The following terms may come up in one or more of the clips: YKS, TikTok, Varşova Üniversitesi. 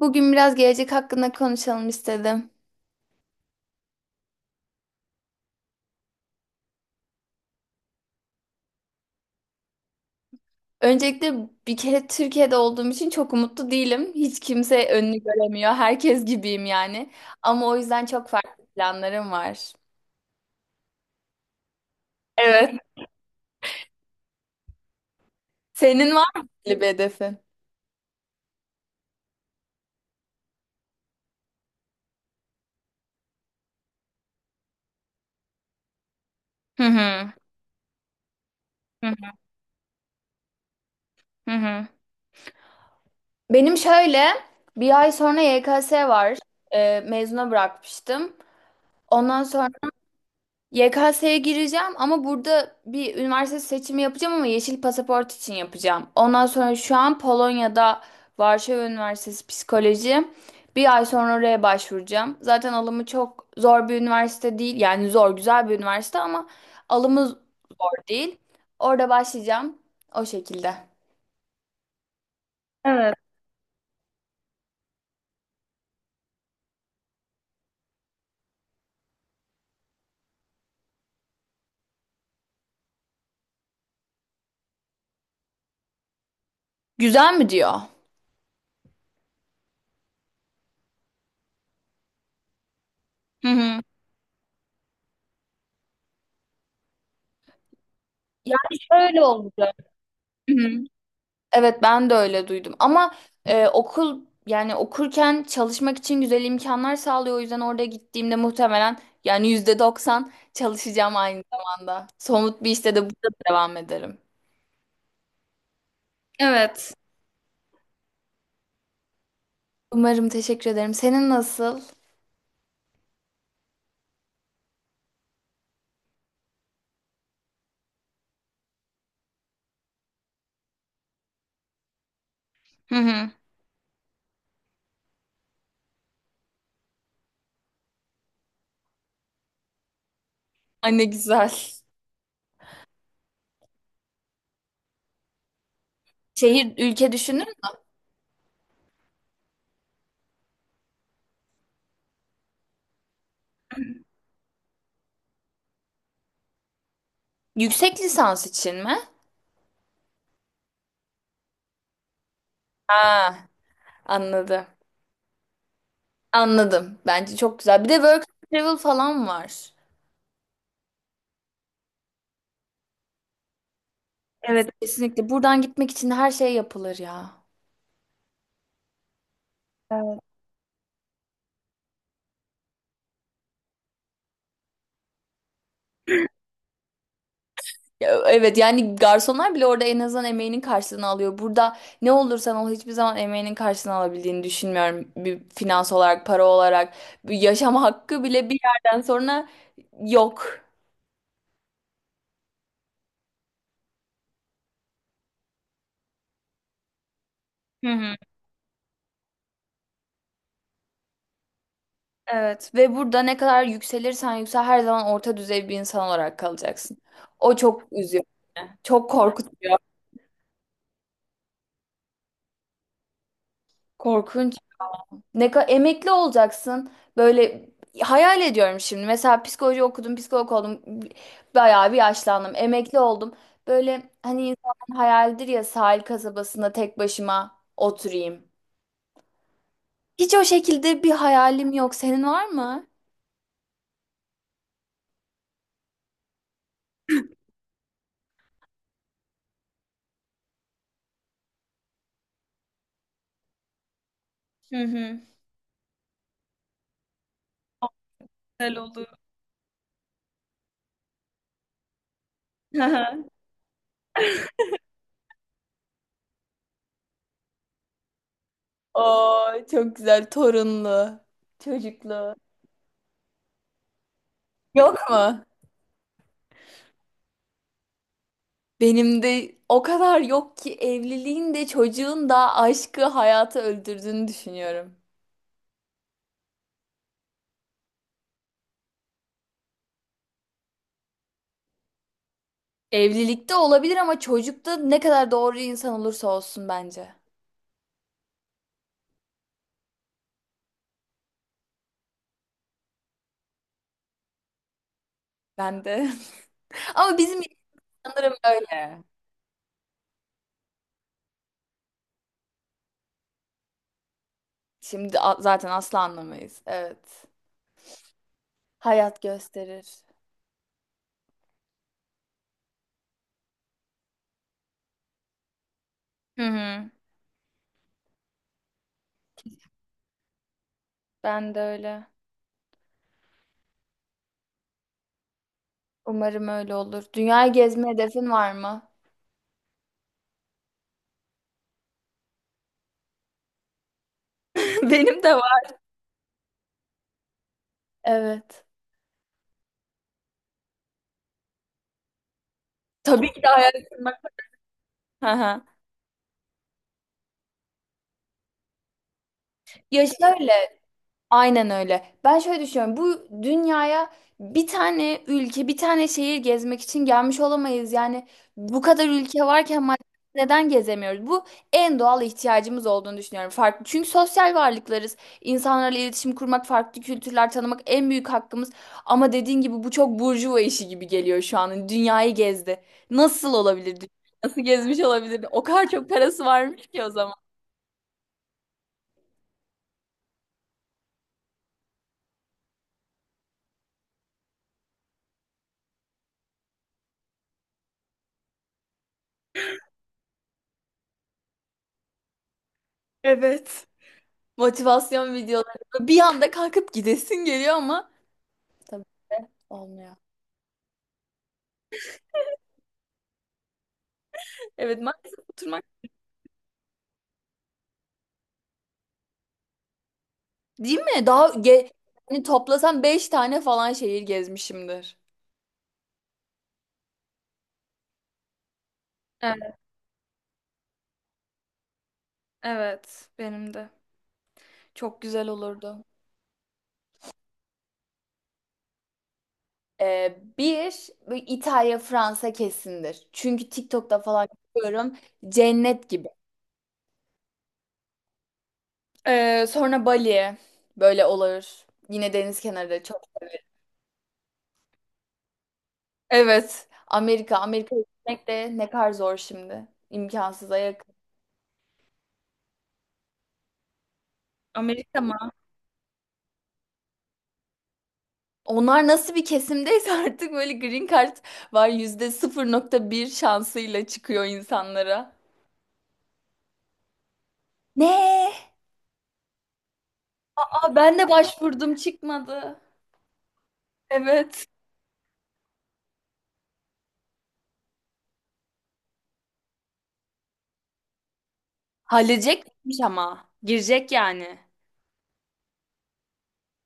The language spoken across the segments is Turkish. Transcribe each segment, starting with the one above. Bugün biraz gelecek hakkında konuşalım istedim. Öncelikle bir kere Türkiye'de olduğum için çok umutlu değilim. Hiç kimse önünü göremiyor. Herkes gibiyim yani. Ama o yüzden çok farklı planlarım var. Evet. Senin var mı belli bir hedefin? Hı hı. Hı hı. Hı hı. Benim şöyle bir ay sonra YKS var. Mezuna bırakmıştım. Ondan sonra YKS'ye gireceğim ama burada bir üniversite seçimi yapacağım ama yeşil pasaport için yapacağım. Ondan sonra şu an Polonya'da Varşova Üniversitesi Psikoloji. Bir ay sonra oraya başvuracağım. Zaten alımı çok zor bir üniversite değil. Yani zor, güzel bir üniversite ama alımı zor değil. Orada başlayacağım o şekilde. Evet. Güzel mi diyor? Hı hı. Yani şöyle olacak. Evet ben de öyle duydum ama okul yani okurken çalışmak için güzel imkanlar sağlıyor. O yüzden orada gittiğimde muhtemelen yani %90 çalışacağım aynı zamanda. Somut bir işte de burada devam ederim. Evet. Umarım, teşekkür ederim. Senin nasıl? Hı hı. Ay ne güzel. Şehir, ülke düşündün mü? Yüksek lisans için mi? Ha, anladım. Anladım. Bence çok güzel. Bir de work and travel falan var. Evet. Kesinlikle. Buradan gitmek için de her şey yapılır ya. Ya, evet yani garsonlar bile orada en azından emeğinin karşılığını alıyor. Burada ne olursan ol hiçbir zaman emeğinin karşılığını alabildiğini düşünmüyorum. Bir finans olarak, para olarak, bir yaşam hakkı bile bir yerden sonra yok. Hı hı. Evet ve burada ne kadar yükselirsen yüksel her zaman orta düzey bir insan olarak kalacaksın. O çok üzüyor. Çok korkunç. Ne kadar emekli olacaksın. Böyle hayal ediyorum şimdi. Mesela psikoloji okudum, psikolog oldum. Bayağı bir yaşlandım. Emekli oldum. Böyle hani insanın hayaldir ya, sahil kasabasında tek başıma oturayım. Hiç o şekilde bir hayalim yok. Senin var mı? Hı hı. Güzel olur. Oo, çok güzel. Torunlu, çocuklu. Yok mu? Benim de o kadar yok ki, evliliğin de çocuğun da aşkı, hayatı öldürdüğünü düşünüyorum. Evlilikte olabilir ama çocukta ne kadar doğru insan olursa olsun bence. Ben de. Ama bizim sanırım öyle. Şimdi zaten asla anlamayız. Evet. Hayat gösterir. Hı hı. Ben de öyle. Umarım öyle olur. Dünyayı gezme hedefin var mı? Benim de var. Evet. Tabii ki de, hayal kırmak. Hı hı. Ya şöyle. Aynen öyle. Ben şöyle düşünüyorum. Bu dünyaya bir tane ülke, bir tane şehir gezmek için gelmiş olamayız. Yani bu kadar ülke varken madde neden gezemiyoruz? Bu en doğal ihtiyacımız olduğunu düşünüyorum. Farklı. Çünkü sosyal varlıklarız. İnsanlarla iletişim kurmak, farklı kültürler tanımak en büyük hakkımız. Ama dediğin gibi bu çok burjuva işi gibi geliyor şu an. Dünyayı gezdi. Nasıl olabilir? Nasıl gezmiş olabilir? O kadar çok parası varmış ki o zaman. Evet. Motivasyon videoları. Bir anda kalkıp gidesin geliyor ama tabii olmuyor. Evet, maalesef oturmak. Değil mi? Daha ge hani toplasam 5 tane falan şehir gezmişimdir. Evet, evet, benim de. Çok güzel olurdu. Bir, bu İtalya, Fransa kesindir. Çünkü TikTok'ta falan görüyorum, cennet gibi. Sonra Bali böyle olur. Yine deniz kenarı da çok. Evet. Amerika. Amerika'ya gitmek de ne kadar zor şimdi. İmkansıza yakın. Amerika mı? Onlar nasıl bir kesimdeyse artık, böyle green card var, yüzde 0.1 şansıyla çıkıyor insanlara. Ne? Aa, ben de başvurdum, çıkmadı. Evet. Halledecekmiş ama. Girecek yani.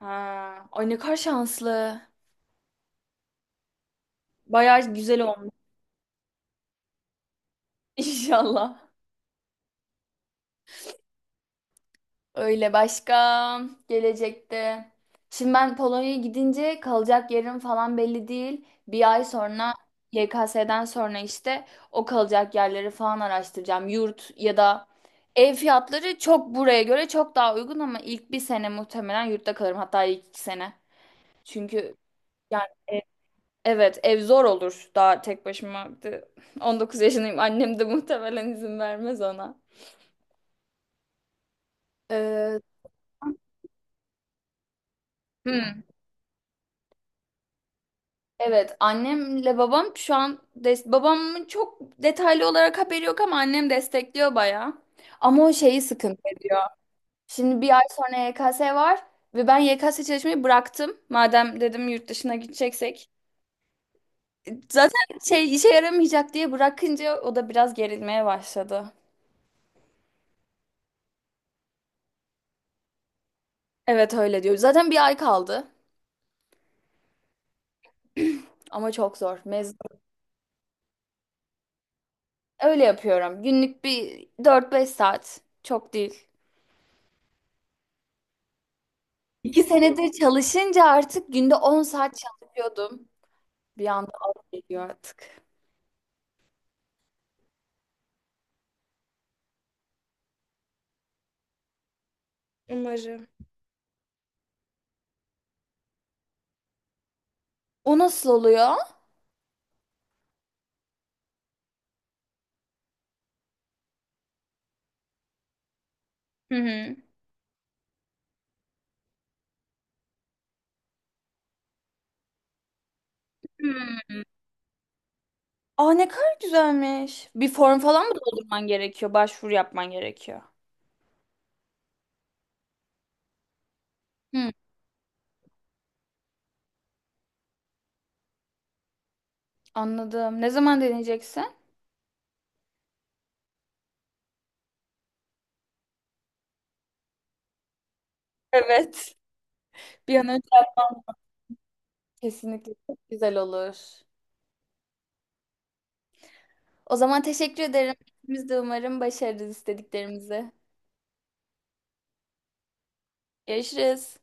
Ha, ay ne kadar şanslı. Bayağı güzel olmuş. İnşallah. Öyle, başka, gelecekte. Şimdi ben Polonya'ya gidince kalacak yerim falan belli değil. Bir ay sonra, YKS'den sonra, işte o kalacak yerleri falan araştıracağım. Yurt ya da ev fiyatları çok, buraya göre çok daha uygun ama ilk bir sene muhtemelen yurtta kalırım. Hatta ilk 2 sene. Çünkü yani evet, ev zor olur daha, tek başıma. 19 yaşındayım. Annem de muhtemelen izin vermez ona. Ee, Evet, annemle babam şu an babamın çok detaylı olarak haberi yok ama annem destekliyor bayağı. Ama o şeyi sıkıntı ediyor. Şimdi bir ay sonra YKS var ve ben YKS çalışmayı bıraktım. Madem dedim yurt dışına gideceksek. Zaten şey, işe yaramayacak diye bırakınca o da biraz gerilmeye başladı. Evet, öyle diyor. Zaten bir ay kaldı ama çok zor. Öyle yapıyorum. Günlük bir dört beş saat. Çok değil. 2 senedir çalışınca artık günde 10 saat çalışıyordum. Bir anda az geliyor artık. Umarım. O nasıl oluyor? Hı hı. Hmm. Aa ne kadar güzelmiş. Bir form falan mı doldurman gerekiyor? Başvuru yapman gerekiyor. Hmm, anladım. Ne zaman deneyeceksin? Evet. Bir an önce yapmam kesinlikle çok güzel olur. O zaman teşekkür ederim. Biz de umarım başarırız istediklerimizi. Görüşürüz.